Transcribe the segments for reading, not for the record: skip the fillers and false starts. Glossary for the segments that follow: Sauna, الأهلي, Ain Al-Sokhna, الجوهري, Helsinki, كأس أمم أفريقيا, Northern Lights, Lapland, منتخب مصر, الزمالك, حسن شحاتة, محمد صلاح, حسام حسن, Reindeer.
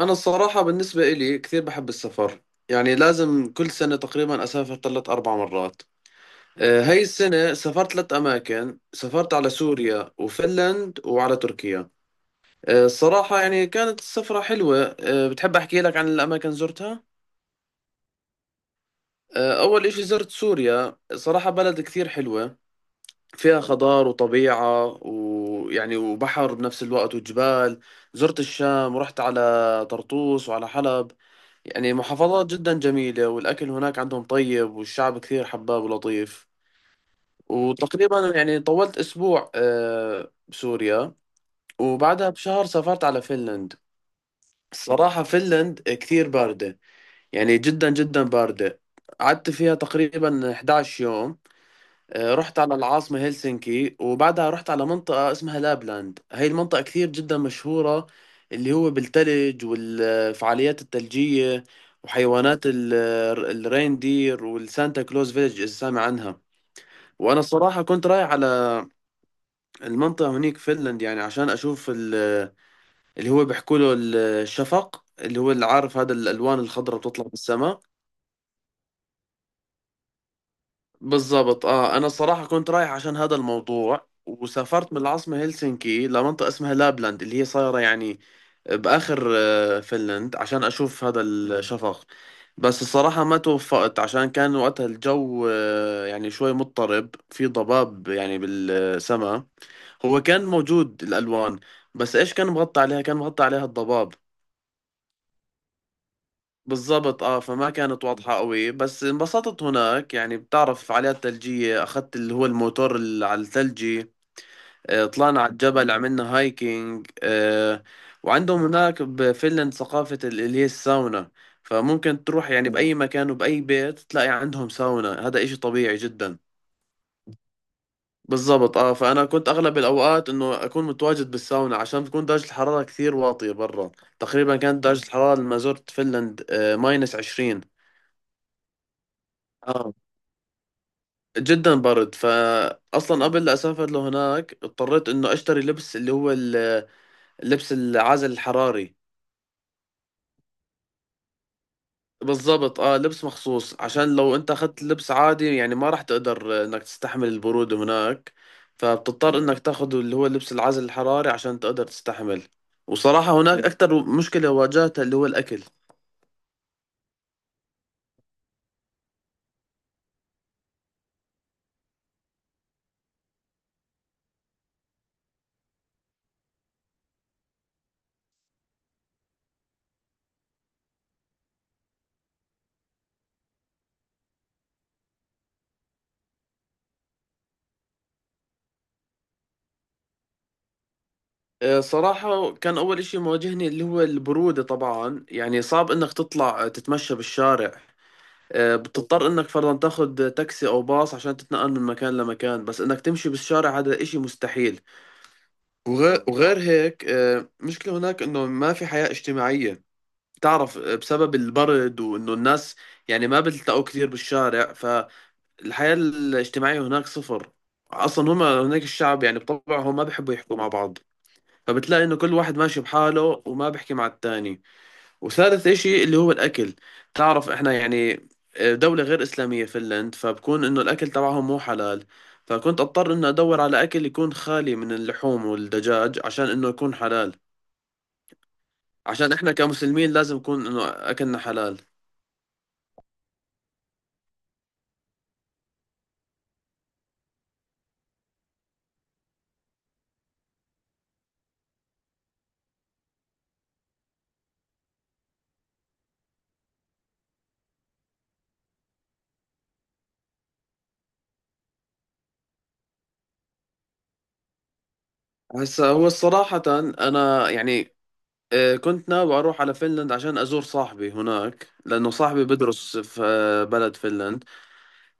أنا الصراحة بالنسبة إلي كثير بحب السفر. يعني لازم كل سنة تقريبا أسافر ثلاث أربع مرات. هاي السنة سافرت ثلاث أماكن، سافرت على سوريا وفنلند وعلى تركيا. الصراحة يعني كانت السفرة حلوة. بتحب أحكي لك عن الأماكن زرتها؟ أول إشي زرت سوريا، صراحة بلد كثير حلوة، فيها خضار وطبيعة ويعني وبحر بنفس الوقت وجبال. زرت الشام ورحت على طرطوس وعلى حلب، يعني محافظات جدا جميلة، والأكل هناك عندهم طيب، والشعب كثير حباب ولطيف. وتقريبا يعني طولت أسبوع بسوريا. وبعدها بشهر سافرت على فنلند. الصراحة فنلند كثير باردة، يعني جدا جدا باردة. قعدت فيها تقريبا 11 يوم. رحت على العاصمة هلسنكي، وبعدها رحت على منطقة اسمها لابلاند. هاي المنطقة كثير جدا مشهورة، اللي هو بالثلج والفعاليات الثلجية وحيوانات الريندير والسانتا كلوز فيلج، إذا سامع عنها. وأنا الصراحة كنت رايح على المنطقة هنيك فنلند يعني عشان أشوف اللي هو بيحكوا له الشفق، اللي هو اللي عارف هذا الألوان الخضراء بتطلع بالسماء. بالضبط، اه، انا الصراحه كنت رايح عشان هذا الموضوع، وسافرت من العاصمه هلسنكي لمنطقه اسمها لابلاند اللي هي صايره يعني باخر فنلند عشان اشوف هذا الشفق. بس الصراحه ما توفقت، عشان كان وقتها الجو يعني شوي مضطرب، في ضباب يعني بالسماء. هو كان موجود الالوان، بس ايش، كان مغطى عليها، كان مغطى عليها الضباب. بالضبط، اه، فما كانت واضحة قوي، بس انبسطت هناك. يعني بتعرف فعاليات ثلجية، اخذت اللي هو الموتور اللي على الثلجي. طلعنا على الجبل، عملنا هايكينج وعندهم هناك بفنلند ثقافة اللي هي الساونا، فممكن تروح يعني بأي مكان وبأي بيت تلاقي عندهم ساونا، هذا إشي طبيعي جدا. بالضبط، اه، فأنا كنت أغلب الأوقات إنه أكون متواجد بالساونا عشان تكون درجة الحرارة كثير واطية برا. تقريبا كانت درجة الحرارة لما زرت فنلند ماينس 20. اه جدا برد، فاصلا قبل لا اسافر لهناك اضطريت انه اشتري لبس اللي هو اللبس العازل الحراري. بالضبط، اه، لبس مخصوص، عشان لو انت اخذت لبس عادي يعني ما راح تقدر انك تستحمل البرودة هناك، فبتضطر انك تاخذ اللي هو لبس العازل الحراري عشان تقدر تستحمل. وصراحة هناك اكثر مشكلة واجهتها اللي هو الاكل. صراحة كان أول إشي مواجهني اللي هو البرودة، طبعا يعني صعب إنك تطلع تتمشى بالشارع. بتضطر انك فرضا تاخذ تاكسي او باص عشان تتنقل من مكان لمكان، بس انك تمشي بالشارع هذا اشي مستحيل. وغير هيك مشكلة هناك انه ما في حياة اجتماعية. تعرف، بسبب البرد، وانه الناس يعني ما بتلتقوا كثير بالشارع، فالحياة الاجتماعية هناك صفر. اصلا هم هناك الشعب يعني بطبعهم ما بيحبوا يحكوا مع بعض، فبتلاقي انه كل واحد ماشي بحاله وما بيحكي مع التاني. وثالث إشي اللي هو الأكل. تعرف إحنا يعني دولة غير إسلامية فنلند، فبكون إنه الأكل تبعهم مو حلال، فكنت أضطر إنه أدور على أكل يكون خالي من اللحوم والدجاج عشان إنه يكون حلال، عشان إحنا كمسلمين لازم يكون إنه أكلنا حلال. هسا هو صراحة، أنا يعني كنت ناوي أروح على فنلند عشان أزور صاحبي هناك، لأنه صاحبي بدرس في بلد فنلند.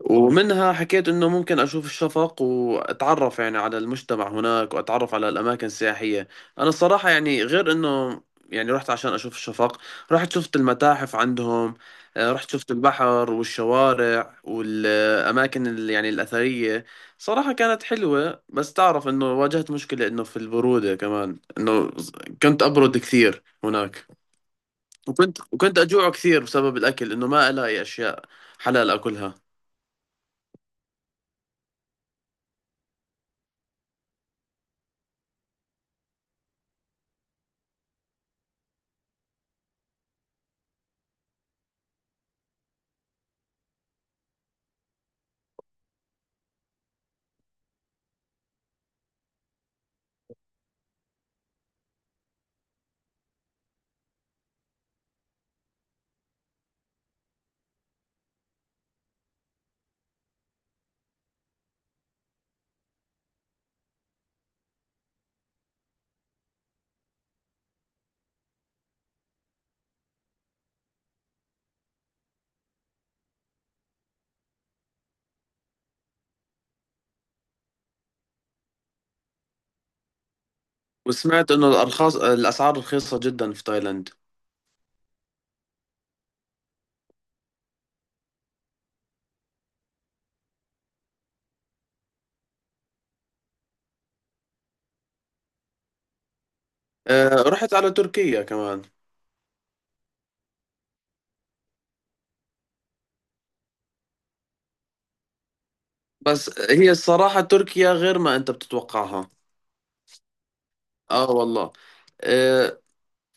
ومنها حكيت انه ممكن اشوف الشفق واتعرف يعني على المجتمع هناك، واتعرف على الاماكن السياحية. انا الصراحة يعني غير انه، يعني رحت عشان اشوف الشفق، رحت شفت المتاحف عندهم، رحت شفت البحر والشوارع والاماكن يعني الاثرية. صراحة كانت حلوة، بس تعرف انه واجهت مشكلة، انه في البرودة كمان، انه كنت ابرد كثير هناك، وكنت اجوع كثير بسبب الاكل، انه ما الاقي اشياء حلال اكلها. وسمعت انه الارخاص الاسعار رخيصه جدا في تايلاند. رحت على تركيا كمان. بس هي الصراحه تركيا غير ما انت بتتوقعها. اه والله، آه،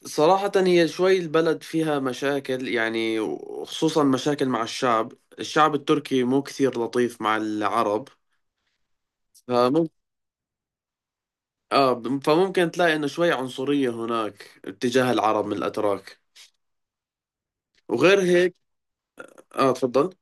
صراحه هي شوي البلد فيها مشاكل، يعني وخصوصا مشاكل مع الشعب. الشعب التركي مو كثير لطيف مع العرب، فممكن اه فممكن تلاقي انه شوي عنصريه هناك اتجاه العرب من الاتراك. وغير هيك، اه تفضل.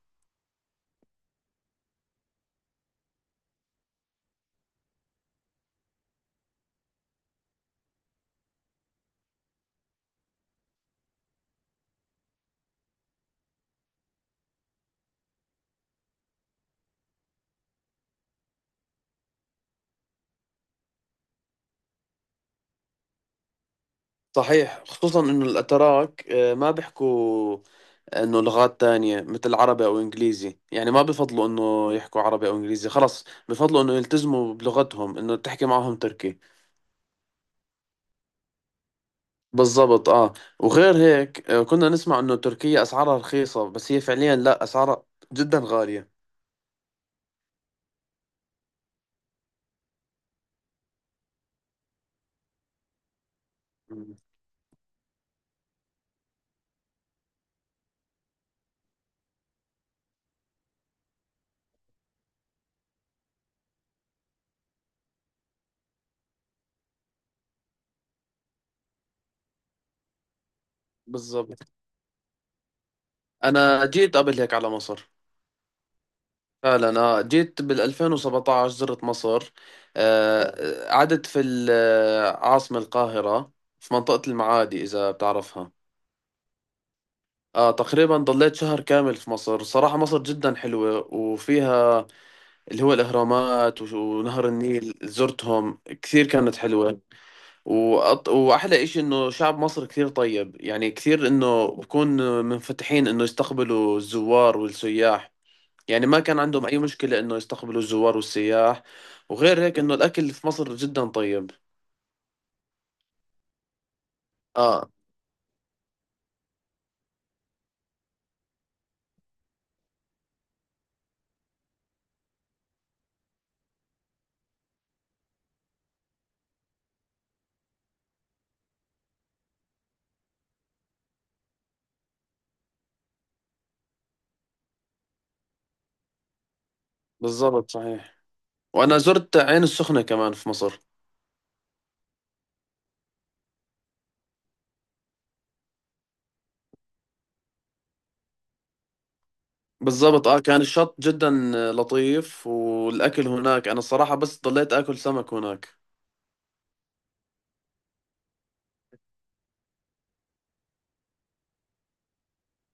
صحيح، خصوصا انه الاتراك ما بيحكوا انه لغات تانية مثل عربي او انجليزي، يعني ما بفضلوا انه يحكوا عربي او انجليزي، خلص بفضلوا انه يلتزموا بلغتهم، انه تحكي معهم تركي. بالضبط، اه. وغير هيك كنا نسمع انه تركيا اسعارها رخيصة، بس هي فعليا لا، اسعارها جدا غالية. مم. بالضبط. انا جيت قبل هيك على مصر. فعلا، اه، جيت بال 2017، زرت مصر. آه، قعدت في العاصمة القاهرة، في منطقة المعادي، إذا بتعرفها. آه تقريبا ضليت شهر كامل في مصر. صراحة مصر جدا حلوة، وفيها اللي هو الأهرامات ونهر النيل، زرتهم كثير، كانت حلوة. وأحلى إشي إنه شعب مصر كثير طيب، يعني كثير إنه بكون منفتحين إنه يستقبلوا الزوار والسياح، يعني ما كان عندهم أي مشكلة إنه يستقبلوا الزوار والسياح. وغير هيك إنه الأكل في مصر جدا طيب. آه بالضبط صحيح. وأنا زرت عين السخنة كمان في مصر. بالضبط، اه، كان الشط جدا لطيف، والاكل هناك انا الصراحه بس ضليت اكل سمك هناك.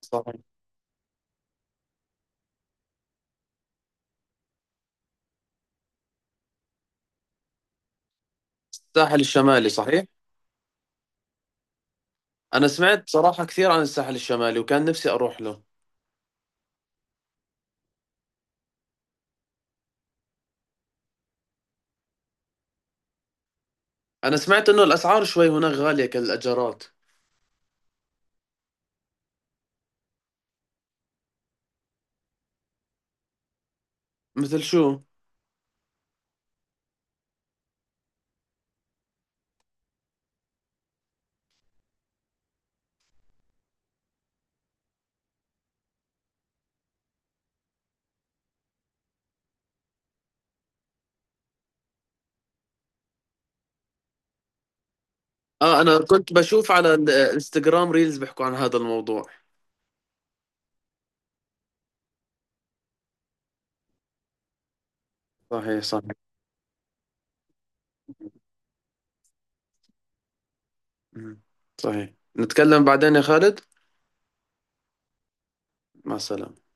صحيح. الساحل الشمالي، صحيح. انا سمعت صراحه كثير عن الساحل الشمالي، وكان نفسي اروح له. انا سمعت انه الاسعار شوي هناك غاليه كالاجارات. مثل شو؟ اه انا كنت بشوف على الانستغرام ريلز بيحكوا عن هذا الموضوع. صحيح صحيح. مم. صحيح، نتكلم بعدين يا خالد. مع السلامه.